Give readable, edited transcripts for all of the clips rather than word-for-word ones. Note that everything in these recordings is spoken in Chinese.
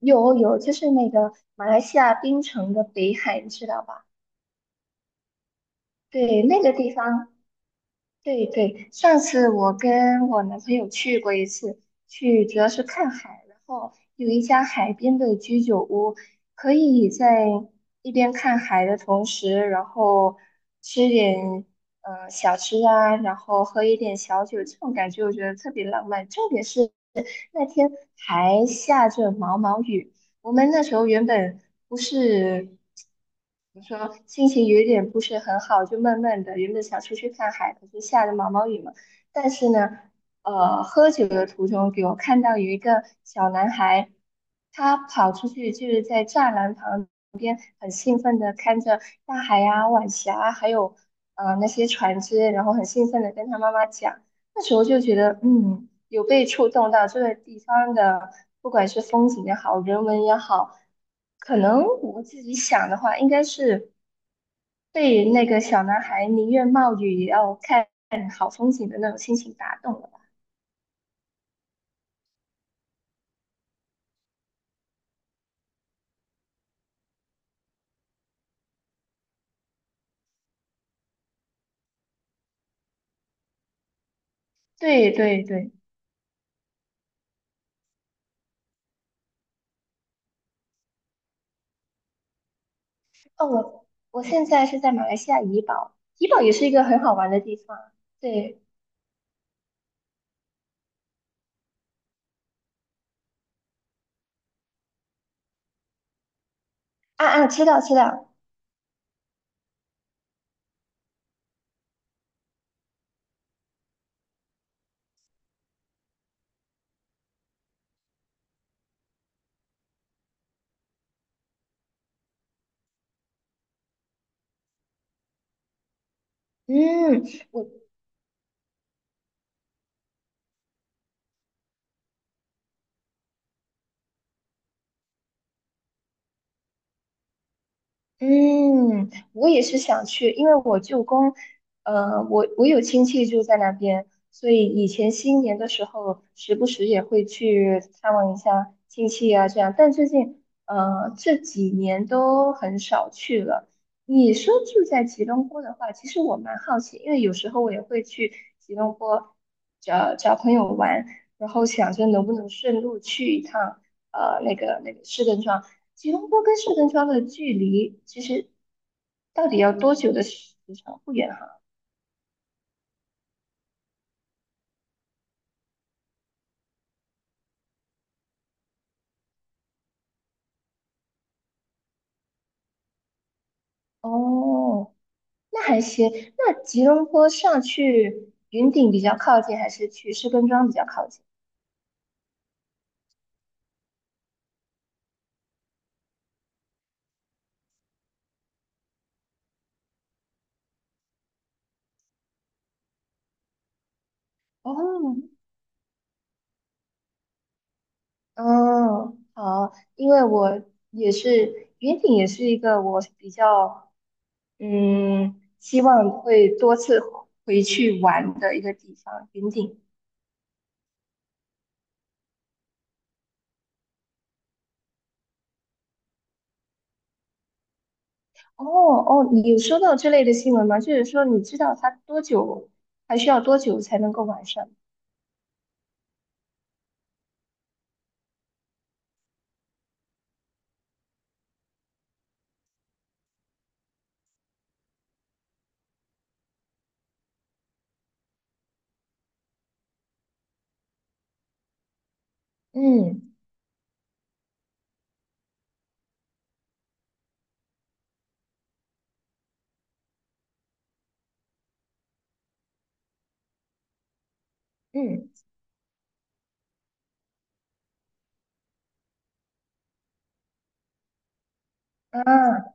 有有，就是那个马来西亚槟城的北海，你知道吧？对，那个地方，对对。上次我跟我男朋友去过一次，去主要是看海，然后有一家海边的居酒屋，可以在一边看海的同时，然后吃点小吃啊，然后喝一点小酒，这种感觉我觉得特别浪漫。重点是那天还下着毛毛雨。我们那时候原本不是怎么说，心情有一点不是很好，就闷闷的。原本想出去看海，可是下着毛毛雨嘛。但是呢，喝酒的途中给我看到有一个小男孩，他跑出去就是在栅栏旁边，很兴奋的看着大海啊、晚霞啊，还有那些船只，然后很兴奋的跟他妈妈讲。那时候就觉得，有被触动到这个地方的，不管是风景也好，人文也好，可能我自己想的话，应该是被那个小男孩宁愿冒雨也要看好风景的那种心情打动了吧。对对对，哦，我现在是在马来西亚怡保，怡保也是一个很好玩的地方。对，啊啊，知道知道，嗯。我。嗯，我也是想去，因为我舅公，我有亲戚住在那边，所以以前新年的时候，时不时也会去探望一下亲戚啊，这样。但最近，这几年都很少去了。你说住在吉隆坡的话，其实我蛮好奇，因为有时候我也会去吉隆坡找找朋友玩，然后想着能不能顺路去一趟，那个市政庄。吉隆坡跟圣根庄的距离其实到底要多久的时长？不远哈。哦，那还行。那吉隆坡上去云顶比较靠近，还是去士根庄比较靠近？哦，嗯，好，因为我也是云顶，也是一个我比较希望会多次回去玩的一个地方。云顶，哦哦，你有收到这类的新闻吗？就是说，你知道它多久，还需要多久才能够完善？嗯嗯，啊，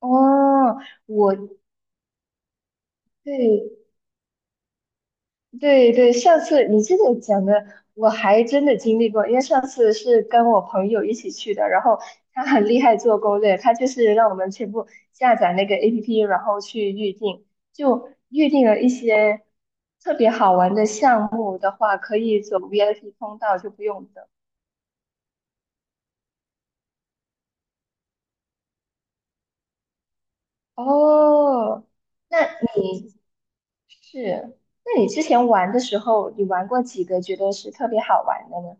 哦，我对对对，上次你这个讲的，我还真的经历过，因为上次是跟我朋友一起去的，然后他很厉害做攻略，他就是让我们全部下载那个 APP，然后去预定，就预定了一些特别好玩的项目的话，可以走 VIP 通道，就不用等。哦，那你是，那你之前玩的时候，你玩过几个觉得是特别好玩的呢？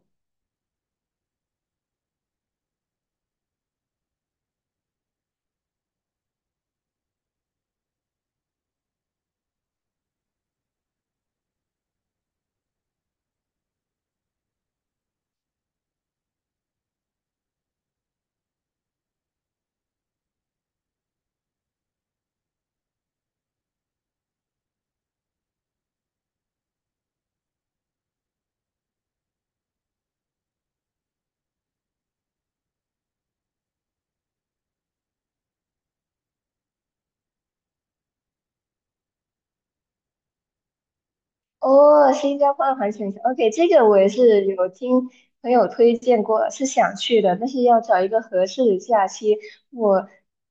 哦，新加坡的环球影城，OK，这个我也是有听朋友推荐过，是想去的，但是要找一个合适的假期。我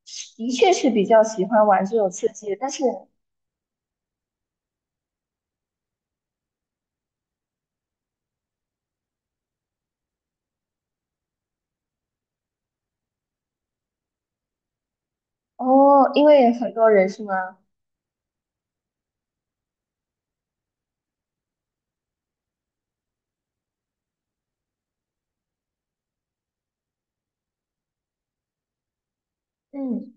是的确是比较喜欢玩这种刺激的，但是哦，因为很多人是吗？嗯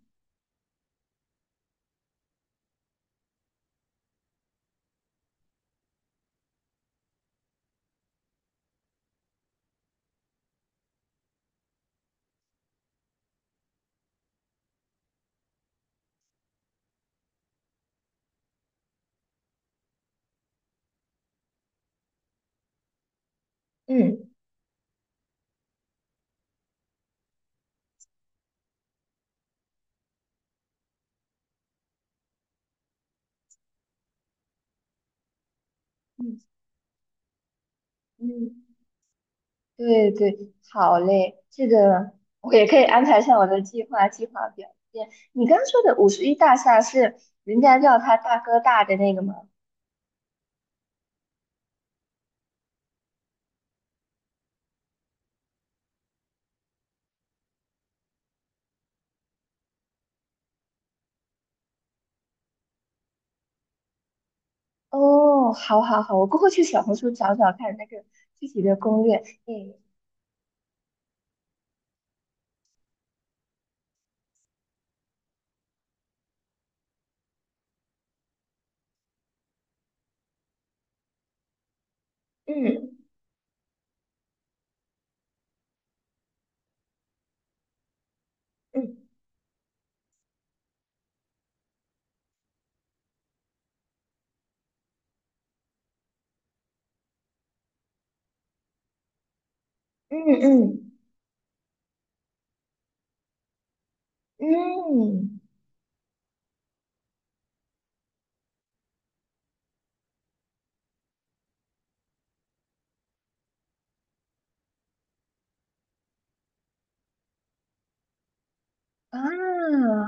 嗯。嗯嗯。对对，好嘞，这个我也可以安排上我的计划表现。你刚刚说的51大厦是人家叫他大哥大的那个吗？哦，好好好，我过后去小红书找找看那个具体的攻略。嗯嗯嗯嗯嗯嗯啊，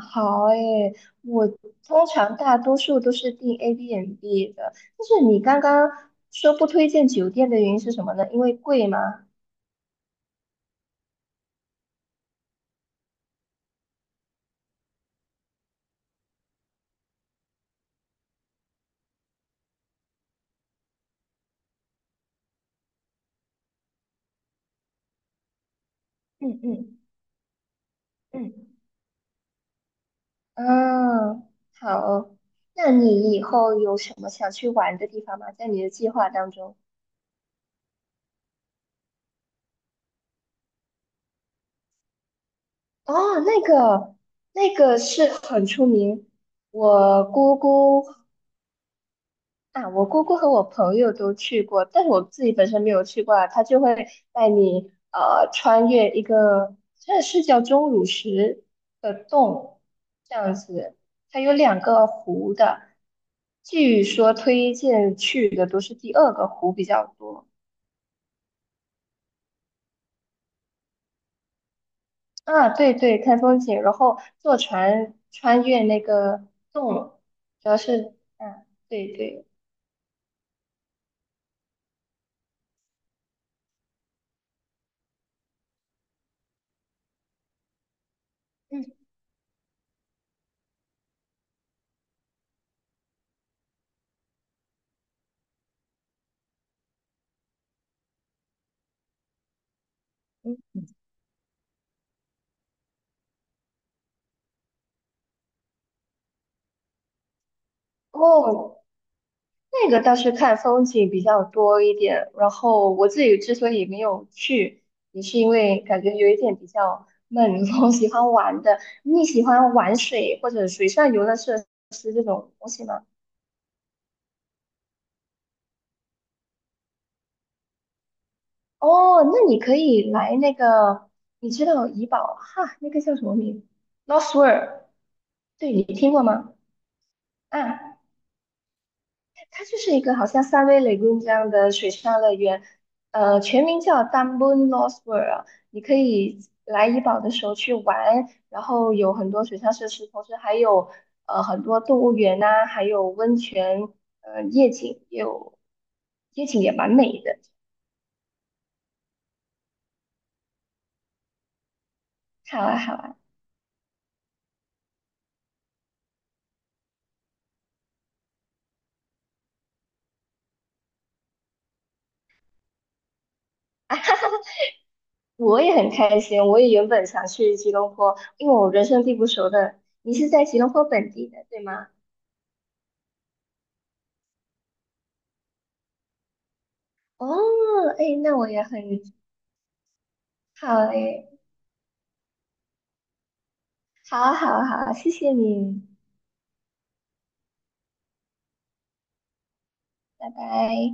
好诶，我通常大多数都是订 ABNB 的，但是你刚刚说不推荐酒店的原因是什么呢？因为贵吗？嗯嗯，嗯，好。那你以后有什么想去玩的地方吗？在你的计划当中？哦，那个，那个是很出名。我姑姑我姑姑和我朋友都去过，但是我自己本身没有去过啊。他就会带你穿越一个，这是叫钟乳石的洞，这样子。它有两个湖的，据说推荐去的都是第二个湖比较多。啊，对对，看风景，然后坐船穿越那个洞，主要是，嗯、啊，对对，嗯，嗯，哦，那个倒是看风景比较多一点，然后我自己之所以没有去，也是因为感觉有一点比较闷，我喜欢玩的。你喜欢玩水或者水上游乐设施这种东西吗？哦，那你可以来那个，你知道怡宝哈，那个叫什么名？Lost World，对，你听过吗？啊。它就是一个好像三维雷公这样的水上乐园，全名叫 Dumbun Lost World。你可以来怡保的时候去玩，然后有很多水上设施，同时还有很多动物园呐、还有温泉，夜景也有，夜景也蛮美的，好啊，好啊，我也很开心，我也原本想去吉隆坡，因为我人生地不熟的。你是在吉隆坡本地的，对吗？哦，哎，那我也很好哎。好啊好啊好啊谢谢你，拜拜。